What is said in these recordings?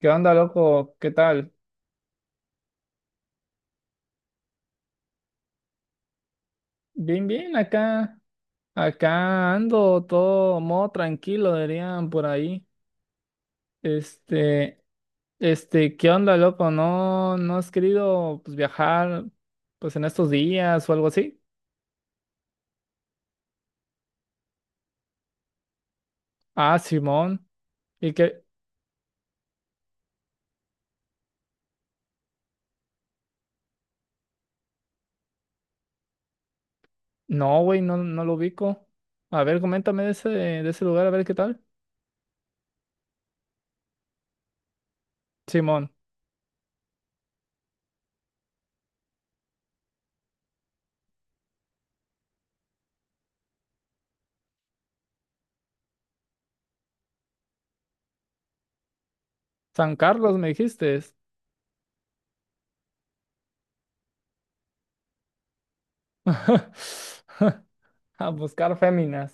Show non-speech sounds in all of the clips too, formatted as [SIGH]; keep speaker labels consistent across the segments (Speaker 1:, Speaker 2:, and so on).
Speaker 1: ¿Qué onda, loco? ¿Qué tal? Bien, bien, acá. Acá ando todo modo tranquilo, dirían por ahí. Este, ¿Qué onda, loco? ¿No has querido, pues, viajar pues en estos días o algo así? Ah, Simón. ¿Y qué? No, güey, no lo ubico. A ver, coméntame de ese lugar, a ver qué tal. Simón. San Carlos, me dijiste. [LAUGHS] A buscar féminas.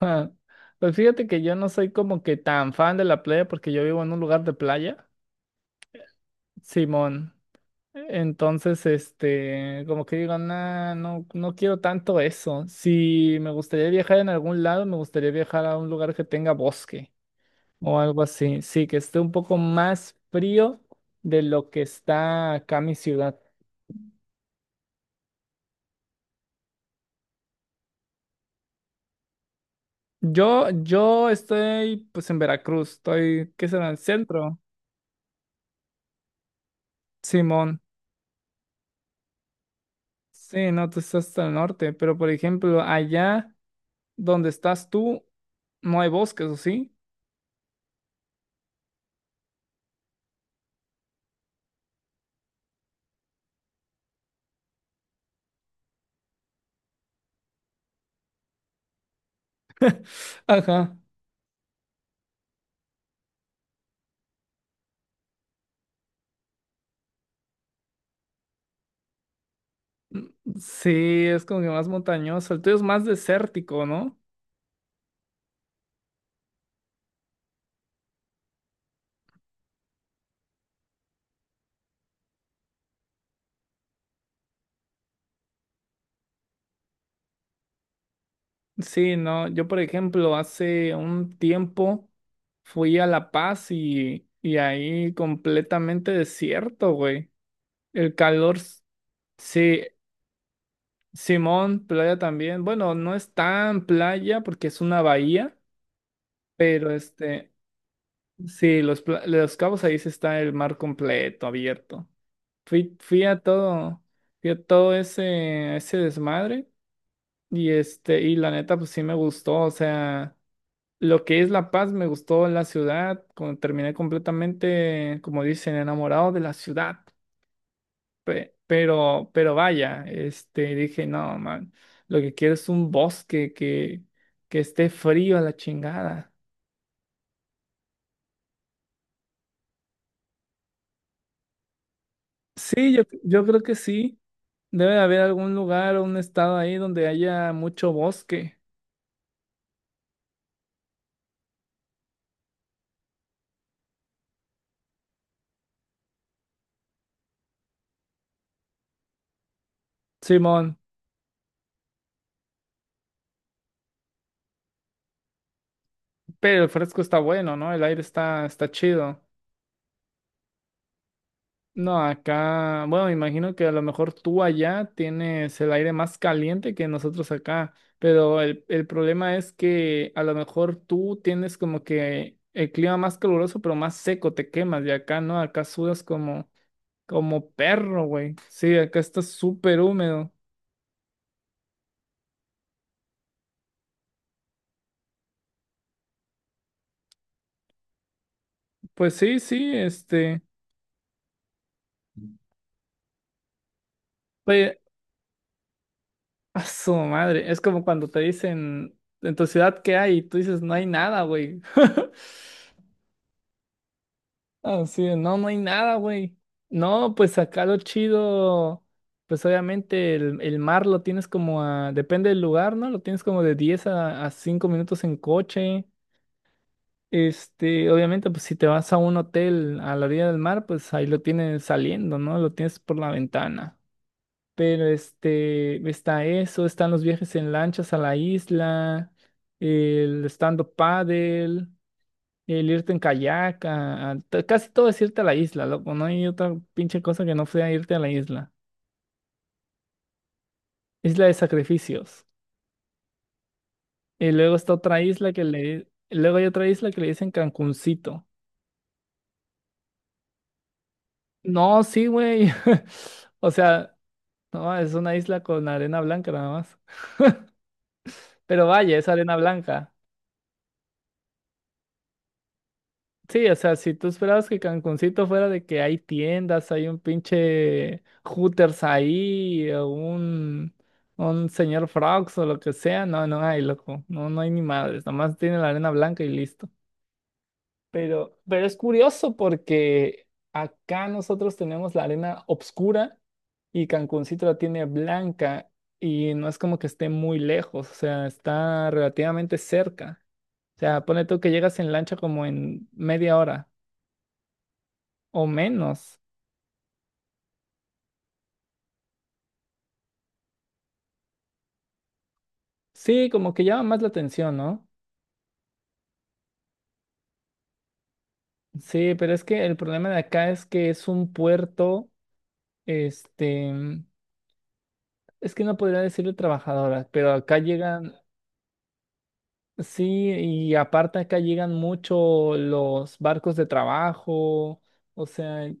Speaker 1: Ah, pues fíjate que yo no soy como que tan fan de la playa porque yo vivo en un lugar de playa. Simón. Entonces, como que digo, nah, no quiero tanto eso. Si me gustaría viajar en algún lado, me gustaría viajar a un lugar que tenga bosque o algo así. Sí, que esté un poco más frío de lo que está acá mi ciudad. Yo estoy pues en Veracruz, estoy, ¿qué será? El centro. Simón. Sí, no, tú estás hasta el norte, pero por ejemplo, allá donde estás tú, no hay bosques, ¿o sí? [LAUGHS] Ajá. Sí, es como que más montañoso. El tuyo es más desértico, ¿no? Sí, no. Yo, por ejemplo, hace un tiempo fui a La Paz y ahí completamente desierto, güey. El calor, s- sí, Simón, playa también. Bueno, no es tan playa porque es una bahía, pero este. Sí, los, pla- los cabos ahí sí está el mar completo, abierto. Fui a todo, fui a todo ese, ese desmadre y este, y la neta, pues sí me gustó. O sea, lo que es La Paz, me gustó la ciudad. Como terminé completamente, como dicen, enamorado de la ciudad. Pe- pero vaya, dije, no, man, lo que quiero es un bosque que esté frío a la chingada. Sí, yo creo que sí. Debe de haber algún lugar o un estado ahí donde haya mucho bosque. Simón, pero el fresco está bueno, ¿no? El aire está chido. No, acá, bueno, me imagino que a lo mejor tú allá tienes el aire más caliente que nosotros acá, pero el problema es que a lo mejor tú tienes como que el clima más caluroso, pero más seco, te quemas, y acá no, acá sudas como, como perro, güey. Sí, acá está súper húmedo. Pues sí, sí, este. Pues [LAUGHS] a su madre, es como cuando te dicen, en tu ciudad, ¿qué hay? Y tú dices, no hay nada, güey. [LAUGHS] Así de, no, no hay nada, güey. No, pues acá lo chido, pues obviamente el mar lo tienes como a, depende del lugar, ¿no? Lo tienes como de 10 a 5 minutos en coche. Este, obviamente, pues si te vas a un hotel a la orilla del mar, pues ahí lo tienes saliendo, ¿no? Lo tienes por la ventana. Pero este, está eso, están los viajes en lanchas a la isla, el estando up paddle, el irte en kayak, casi todo es irte a la isla, loco, no hay otra pinche cosa que no sea irte a la isla. Isla de sacrificios. Y luego está otra isla que le, luego hay otra isla que le dicen Cancuncito. No, sí, güey. [LAUGHS] O sea, no, es una isla con arena blanca nada más. [LAUGHS] Pero vaya, es arena blanca. Sí, o sea, si tú esperabas que Cancuncito fuera de que hay tiendas, hay un pinche Hooters ahí, o un señor Frogs o lo que sea, no, no hay, loco, no, no hay ni madres, nomás tiene la arena blanca y listo. Pero es curioso porque acá nosotros tenemos la arena obscura y Cancuncito la tiene blanca y no es como que esté muy lejos, o sea, está relativamente cerca. O sea, pone tú que llegas en lancha como en media hora. O menos. Sí, como que llama más la atención, ¿no? Sí, pero es que el problema de acá es que es un puerto, este, es que no podría decirle trabajadoras, pero acá llegan, sí, y aparte acá llegan mucho los barcos de trabajo, o sea,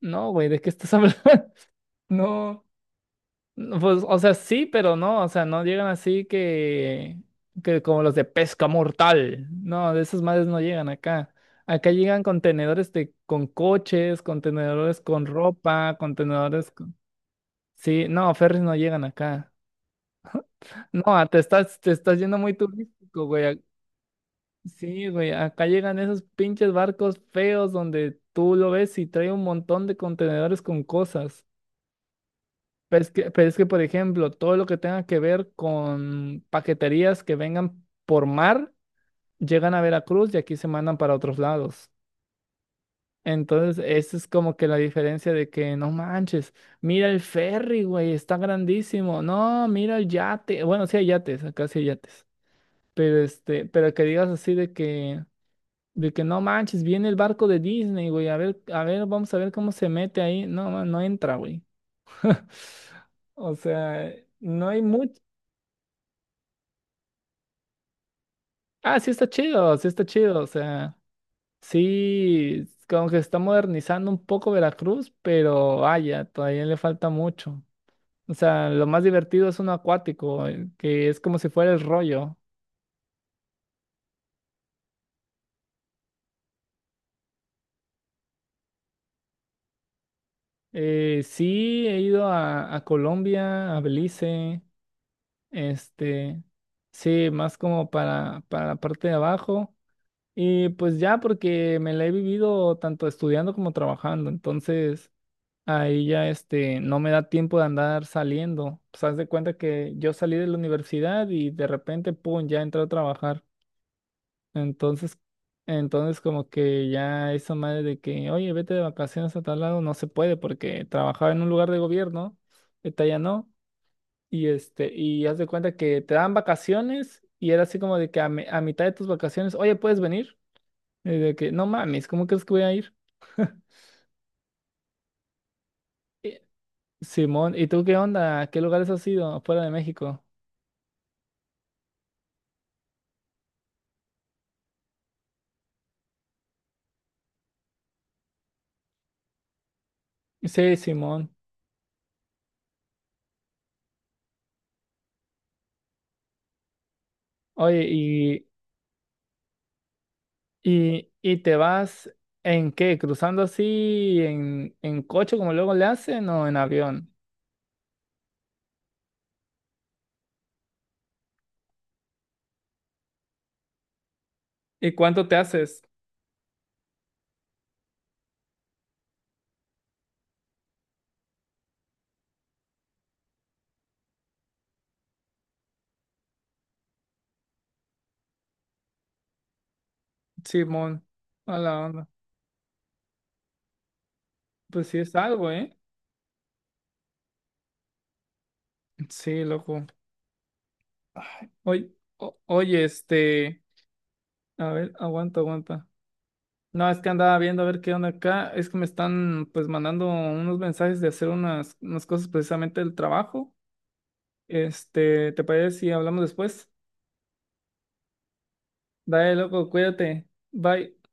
Speaker 1: no, güey, ¿de qué estás hablando? [LAUGHS] No. No, pues, o sea, sí, pero no, o sea, no llegan así que, como los de pesca mortal. No, de esas madres no llegan acá. Acá llegan contenedores de, con coches, contenedores con ropa, contenedores con... Sí, no, ferries no llegan acá. No, ah, te estás yendo muy turístico, güey. Ac- Sí, güey, acá llegan esos pinches barcos feos donde tú lo ves y trae un montón de contenedores con cosas. Por ejemplo, todo lo que tenga que ver con paqueterías que vengan por mar, llegan a Veracruz y aquí se mandan para otros lados. Entonces, esa es como que la diferencia de que, no manches, mira el ferry, güey, está grandísimo. No, mira el yate. Bueno, sí hay yates, acá sí hay yates. Pero que digas así de que no manches, viene el barco de Disney, güey. A ver, vamos a ver cómo se mete ahí. No, ma- no entra, güey. [LAUGHS] O sea, no hay mucho. Ah, sí está chido, o sea, sí, como que se está modernizando un poco Veracruz, pero vaya, todavía le falta mucho. O sea, lo más divertido es uno acuático, que es como si fuera el rollo. Sí, he ido a Colombia, a Belice, este, sí, más como para la parte de abajo. Y pues ya, porque me la he vivido tanto estudiando como trabajando, entonces... Ahí ya este, no me da tiempo de andar saliendo. Pues haz de cuenta que yo salí de la universidad y de repente, pum, ya entré a trabajar. Entonces, entonces como que ya esa madre de que, oye, vete de vacaciones a tal lado, no se puede porque trabajaba en un lugar de gobierno, esta ya no. Y este, y haz de cuenta que te dan vacaciones y era así como de que a, mi- a mitad de tus vacaciones, oye, ¿puedes venir? Y de que, no mames, ¿cómo crees que voy a ir? Eh, Simón, ¿y tú qué onda? ¿A qué lugares has ido fuera de México? Sí, Simón. Oye, y te vas ¿en qué? ¿Cruzando así en, coche como luego le hacen o en avión? ¿Y cuánto te haces, Simón? A la onda. Pues sí es algo, ¿eh? Sí, loco. Ay, oye, o- oye, este, a ver, aguanta, aguanta. No, es que andaba viendo a ver qué onda acá. Es que me están pues mandando unos mensajes de hacer unas cosas precisamente del trabajo. ¿Te parece si hablamos después? Dale, loco, cuídate. Bye.